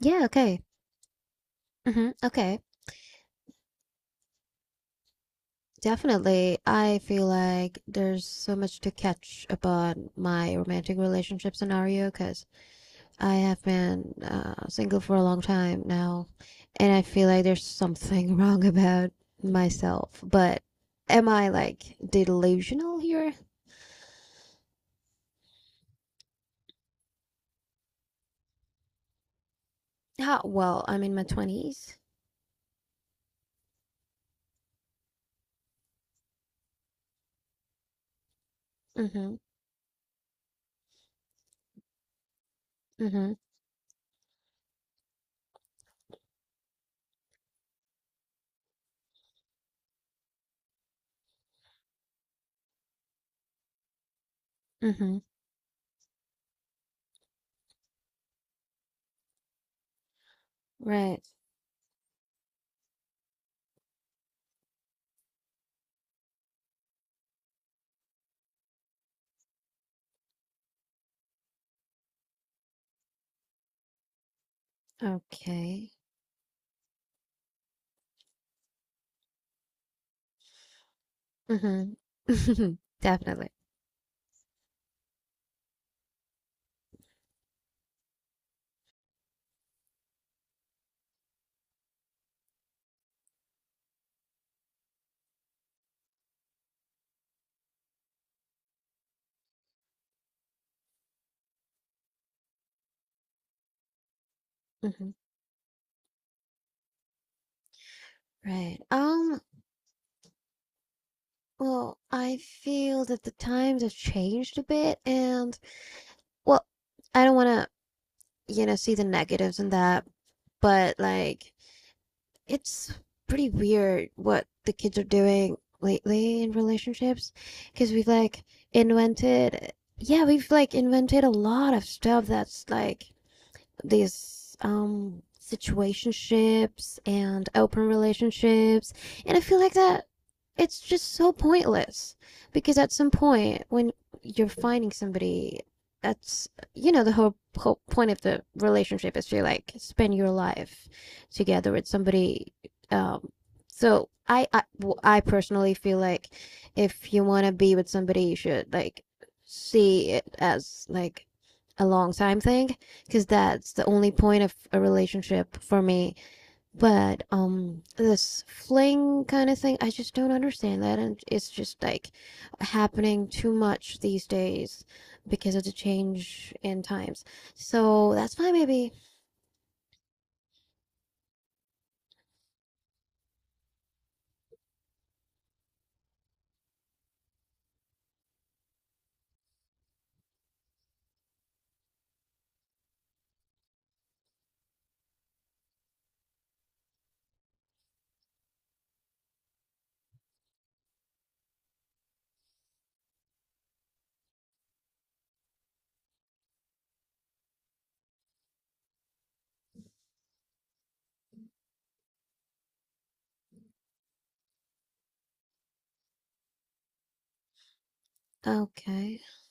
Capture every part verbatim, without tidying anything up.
Yeah, okay. Hmm, okay. Definitely. I feel like there's so much to catch about my romantic relationship scenario because I have been uh, single for a long time now, and I feel like there's something wrong about myself. But am I like delusional here? How, well, I'm in my twenties. Mm-hmm. Mm-hmm. Mm-hmm. Right. Okay. Hmm. Definitely. Hmm. Right. Um, well, I feel that the times have changed a bit, and well, I don't want to, you know, see the negatives in that, but like it's pretty weird what the kids are doing lately in relationships because we've like invented yeah, we've like invented a lot of stuff that's like these um situationships and open relationships, and I feel like that it's just so pointless because at some point when you're finding somebody that's, you know, the whole, whole point of the relationship is to like spend your life together with somebody. Um so I I, I personally feel like if you want to be with somebody, you should like see it as like a long time thing, because that's the only point of a relationship for me. But um, this fling kind of thing, I just don't understand that, and it's just like happening too much these days because of the change in times. So that's my baby. Okay.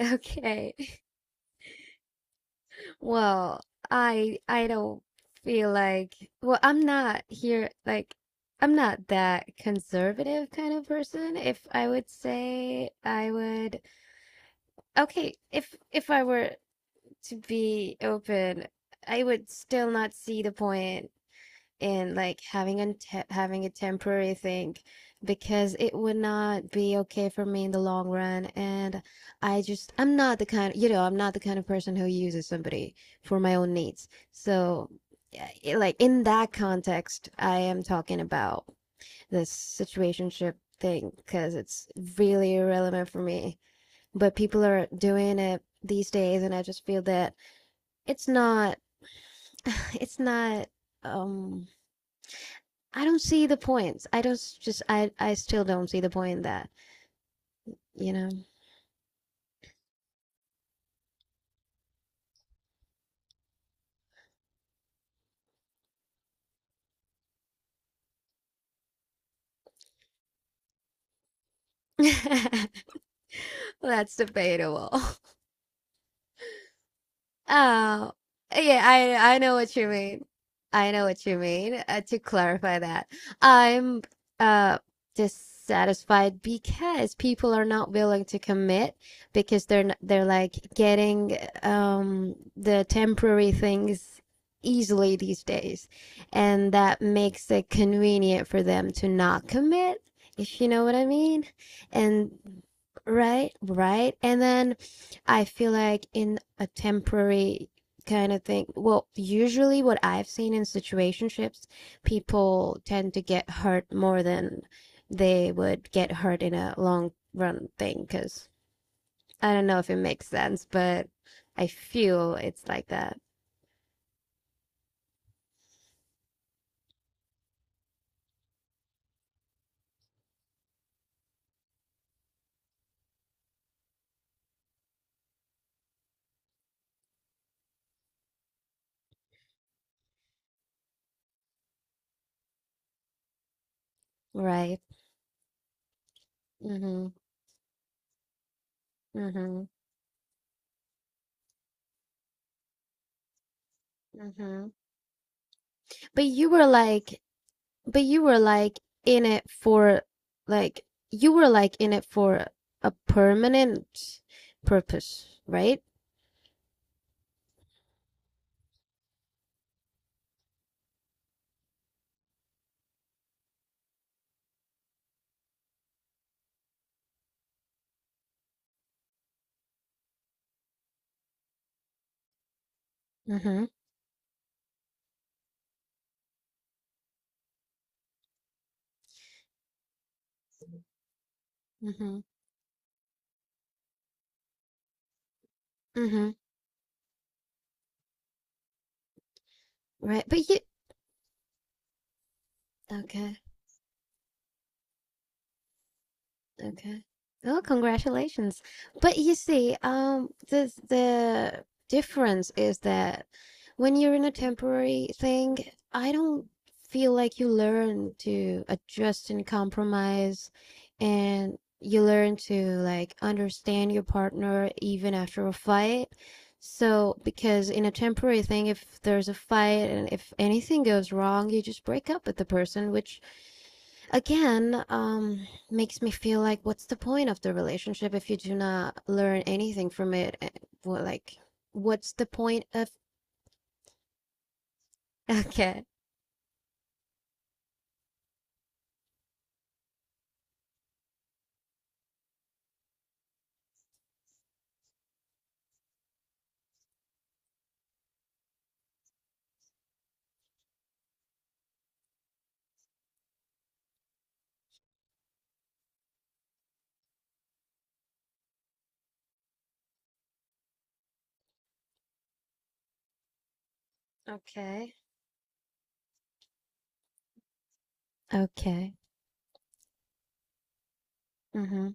Okay. Well, I I don't feel like, well, I'm not here like, I'm not that conservative kind of person. If I would say, I would— okay, if if I were to be open, I would still not see the point in like having a te having a temporary thing, because it would not be okay for me in the long run. And I just— I'm not the kind, you know, I'm not the kind of person who uses somebody for my own needs. So, yeah, it— like in that context, I am talking about this situationship thing because it's really irrelevant for me, but people are doing it these days, and I just feel that it's not it's not, um I don't see the points. I don't— just I I still don't see the point in that, you know. That's debatable. Oh, yeah, I I know what you mean. I know what you mean. Uh, to clarify that, I'm uh dissatisfied because people are not willing to commit, because they're n- they're like getting um the temporary things easily these days, and that makes it convenient for them to not commit, if you know what I mean. And right, right, and then I feel like in a temporary kind of thing, well, usually what I've seen in situationships, people tend to get hurt more than they would get hurt in a long run thing. Because I don't know if it makes sense, but I feel it's like that, right? Mm-hmm. Mm-hmm. Mm-hmm. But you were like— but you were like in it for, like, you were like in it for a permanent purpose, right? Mm-hmm. Mm-hmm. Mm-hmm. Right. But you— okay. Okay. Oh, congratulations. But you see, um, the the difference is that when you're in a temporary thing, I don't feel like you learn to adjust and compromise, and you learn to like understand your partner even after a fight. So, because in a temporary thing, if there's a fight and if anything goes wrong, you just break up with the person, which again, um, makes me feel like, what's the point of the relationship if you do not learn anything from it? Eh, well, like, what's the point of? Okay, okay, okay. Mm-hmm.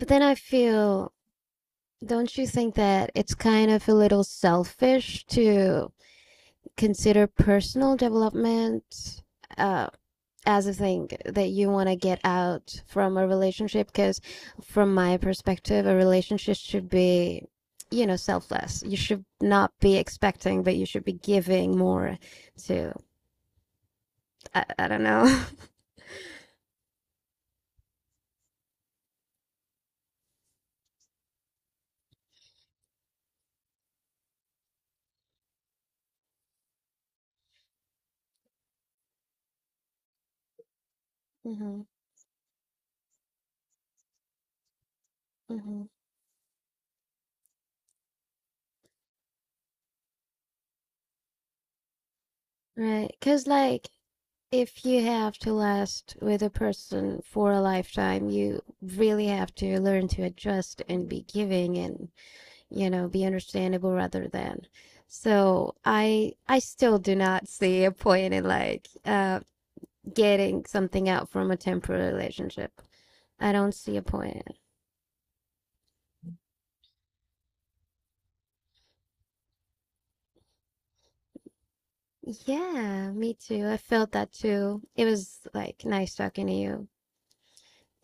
But then I feel, don't you think that it's kind of a little selfish to consider personal development? Uh, as a thing that you want to get out from a relationship, because from my perspective, a relationship should be, you know, selfless. You should not be expecting, but you should be giving more to— i, I don't know. Mm-hmm, mm-hmm. Right, because like if you have to last with a person for a lifetime, you really have to learn to adjust and be giving and, you know, be understandable rather than— so I I still do not see a point in like uh getting something out from a temporary relationship. I don't see a point in it. Yeah, me too. I felt that too. It was like nice talking to you.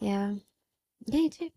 Yeah. Yeah, you too.